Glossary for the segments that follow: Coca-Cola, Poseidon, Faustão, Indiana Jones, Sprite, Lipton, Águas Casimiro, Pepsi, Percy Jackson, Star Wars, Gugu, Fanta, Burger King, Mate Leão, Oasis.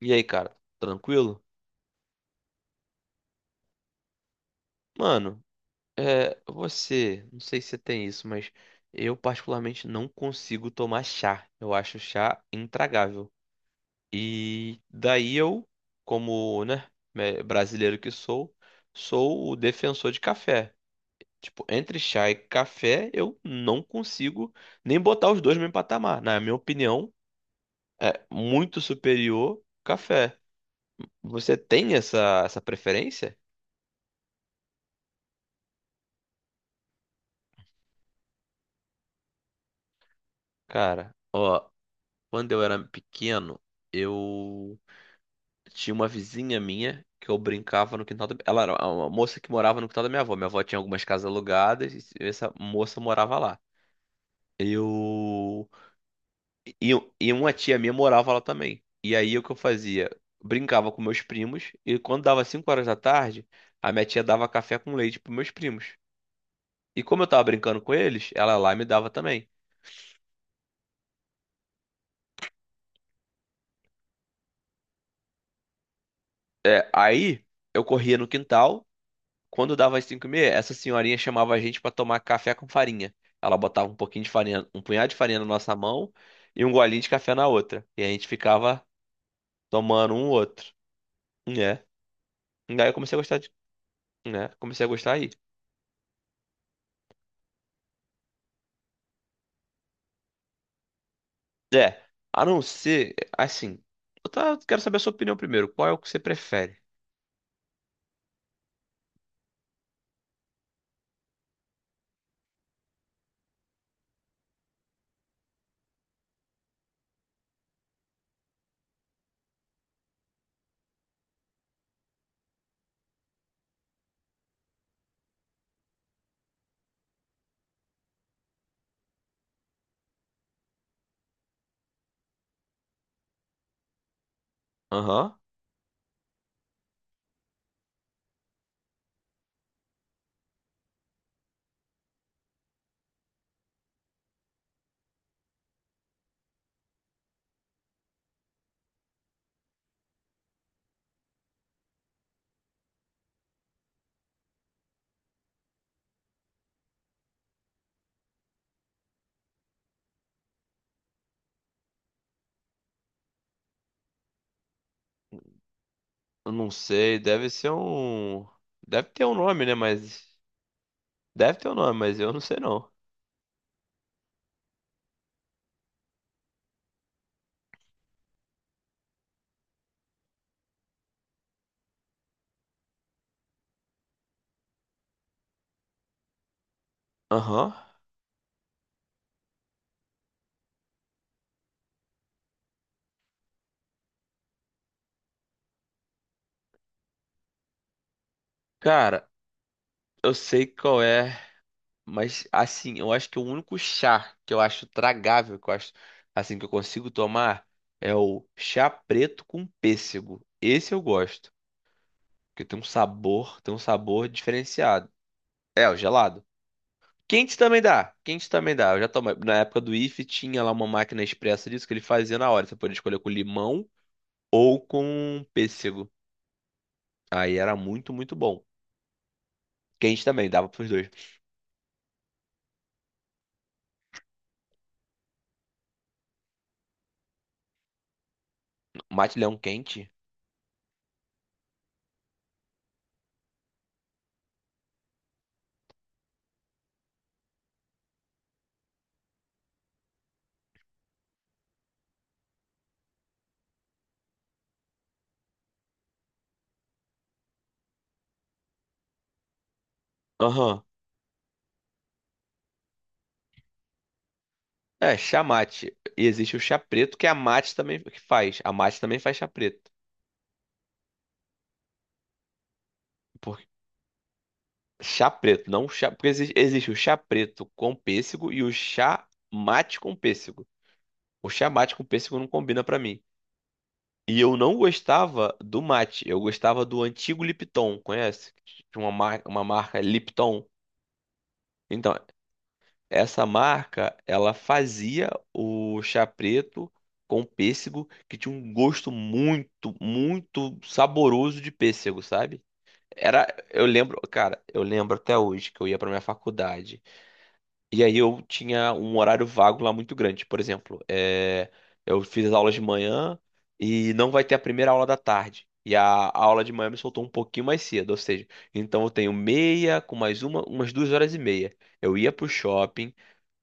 E aí, cara, tranquilo? Mano, você, não sei se você tem isso, mas eu particularmente não consigo tomar chá. Eu acho chá intragável. E daí eu, como, né, brasileiro que sou, sou o defensor de café. Tipo, entre chá e café, eu não consigo nem botar os dois no mesmo patamar. Na minha opinião, é muito superior café. Você tem essa preferência? Cara. Quando eu era pequeno, eu tinha uma vizinha minha que eu brincava no quintal da... Ela era uma moça que morava no quintal da minha avó. Minha avó tinha algumas casas alugadas e essa moça morava lá. Eu... E, e uma tia minha morava lá também. E aí o que eu fazia? Brincava com meus primos e quando dava 5 horas da tarde, a minha tia dava café com leite pros meus primos. E como eu tava brincando com eles, ela lá me dava também. É, aí eu corria no quintal. Quando dava as 5 e meia, essa senhorinha chamava a gente pra tomar café com farinha. Ela botava um pouquinho de farinha, um punhado de farinha na nossa mão e um golinho de café na outra. E a gente ficava tomando um outro. Né? Daí eu comecei a gostar de. Né? Comecei a gostar aí. É, a não ser. Assim. Quero saber a sua opinião primeiro. Qual é o que você prefere? Aham. Eu não sei. Deve ser um. Deve ter um nome, né? Mas. Deve ter um nome, mas eu não sei não. Aham. Cara, eu sei qual é. Mas assim, eu acho que o único chá que eu acho tragável, que eu acho assim que eu consigo tomar é o chá preto com pêssego. Esse eu gosto, porque tem um sabor diferenciado. É, o gelado. Quente também dá, quente também dá. Eu já tomei. Na época do IF tinha lá uma máquina expressa disso que ele fazia na hora. Você podia escolher com limão ou com pêssego. Aí era muito, muito bom. Quente também, dava pros dois. Mate leão quente. Aham. É, chá mate. E existe o chá preto, que a mate também que faz. A mate também faz chá preto. Por- Chá preto, não chá. Porque existe o chá preto com pêssego e o chá mate com pêssego. O chá mate com pêssego não combina pra mim. E eu não gostava do mate. Eu gostava do antigo Lipton, conhece? Tinha uma, mar... uma marca Lipton. Então, essa marca, ela fazia o chá preto com pêssego, que tinha um gosto muito, muito saboroso de pêssego, sabe? Era, eu lembro, cara, eu lembro até hoje que eu ia pra minha faculdade. E aí eu tinha um horário vago lá muito grande. Por exemplo, é, eu fiz as aulas de manhã e não vai ter a primeira aula da tarde. E a aula de manhã me soltou um pouquinho mais cedo, ou seja, então eu tenho meia com mais uma, umas duas horas e meia. Eu ia pro shopping,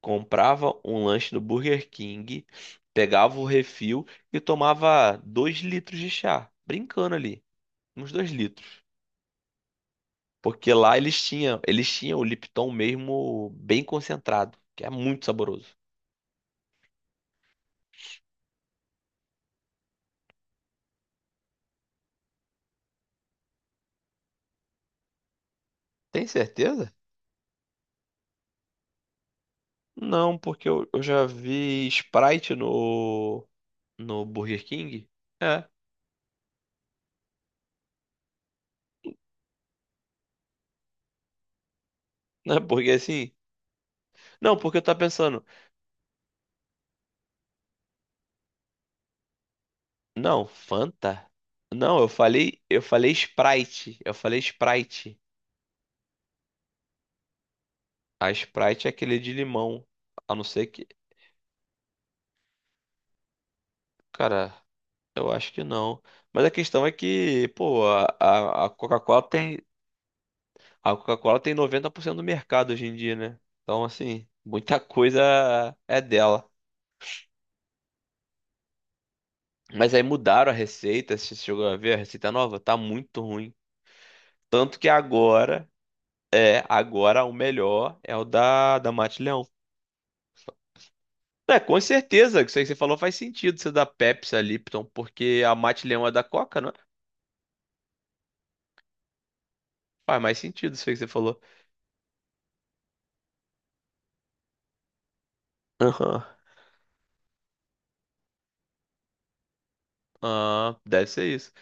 comprava um lanche no Burger King, pegava o refil e tomava dois litros de chá, brincando ali, uns dois litros. Porque lá eles tinham o Lipton mesmo bem concentrado, que é muito saboroso. Tem certeza? Não, porque eu já vi Sprite no, no Burger King. É, né? Porque assim. Não, porque eu tava pensando. Não, Fanta? Não, eu falei Sprite. Eu falei Sprite. A Sprite é aquele de limão. A não ser que. Cara, eu acho que não. Mas a questão é que, pô, a, a Coca-Cola tem. A Coca-Cola tem 90% do mercado hoje em dia, né? Então, assim, muita coisa é dela. Mas aí mudaram a receita, você chegou a ver a receita nova? Tá muito ruim. Tanto que agora, é, agora o melhor é o da, da Mate Leão. É, com certeza, isso aí que você falou faz sentido, você da Pepsi, a Lipton, porque a Mate Leão é da Coca, não é? Faz mais sentido isso aí que você falou. Aham. Ah, deve ser isso.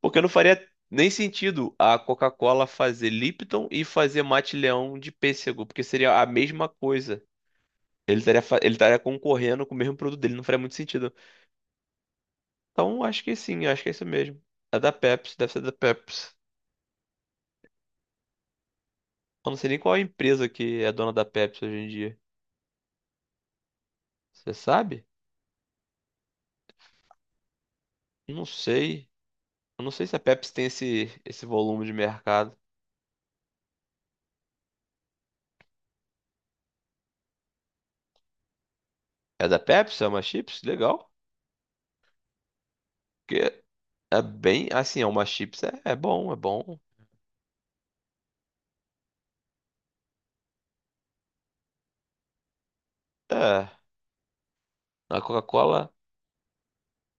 Porque não faria nem sentido a Coca-Cola fazer Lipton e fazer Mate Leão de pêssego, porque seria a mesma coisa. Ele estaria, ele estaria concorrendo com o mesmo produto dele, não faria muito sentido. Então, acho que sim, acho que é isso mesmo. É da Pepsi, deve ser da Pepsi. Eu não sei nem qual é a empresa que é dona da Pepsi hoje em dia. Você sabe? Eu não sei. Eu não sei se a Pepsi tem esse volume de mercado. É da Pepsi? É uma chips? Legal. Porque é bem. Assim, é uma chips. É, é bom, é bom. É. A Coca-Cola.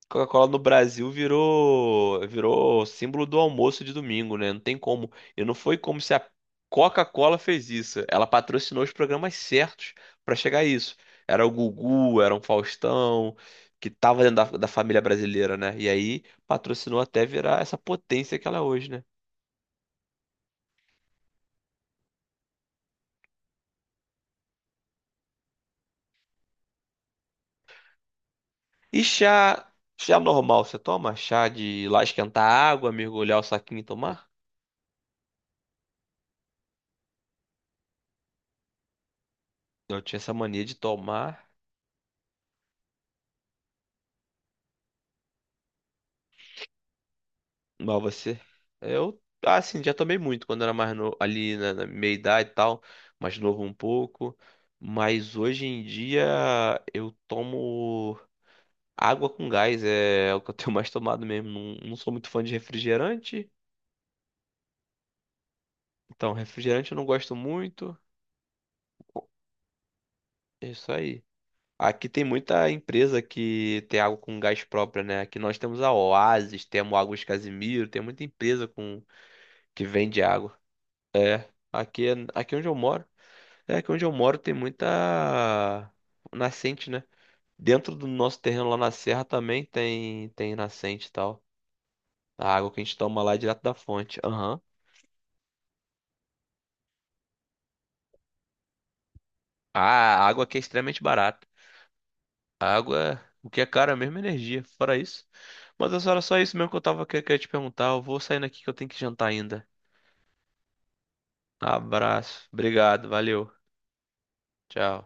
Coca-Cola no Brasil virou, virou símbolo do almoço de domingo, né? Não tem como. E não foi como se a Coca-Cola fez isso. Ela patrocinou os programas certos pra chegar a isso. Era o Gugu, era um Faustão, que tava dentro da, da família brasileira, né? E aí patrocinou até virar essa potência que ela é hoje, né? E chá, chá normal, você toma? Chá de ir lá esquentar água, mergulhar o saquinho e tomar? Eu tinha essa mania de tomar. Mal você. Eu, assim, já tomei muito quando era mais novo, ali na, na meia idade e tal, mais novo um pouco. Mas hoje em dia eu tomo água com gás, é, é o que eu tenho mais tomado mesmo. Não, não sou muito fã de refrigerante, então refrigerante eu não gosto muito. É isso aí. Aqui tem muita empresa que tem água com gás própria, né? Aqui nós temos a Oasis, temos Águas Casimiro, tem muita empresa com que vende água. É, aqui, aqui onde eu moro. É que onde eu moro tem muita nascente, né? Dentro do nosso terreno lá na serra também tem nascente e tal. A água que a gente toma lá é direto da fonte. Aham. Ah, a água aqui é extremamente barata. A água, o que é caro é mesmo energia, fora isso. Mas essa era só isso mesmo que eu tava querendo te perguntar. Eu vou saindo aqui que eu tenho que jantar ainda. Abraço. Obrigado, valeu. Tchau.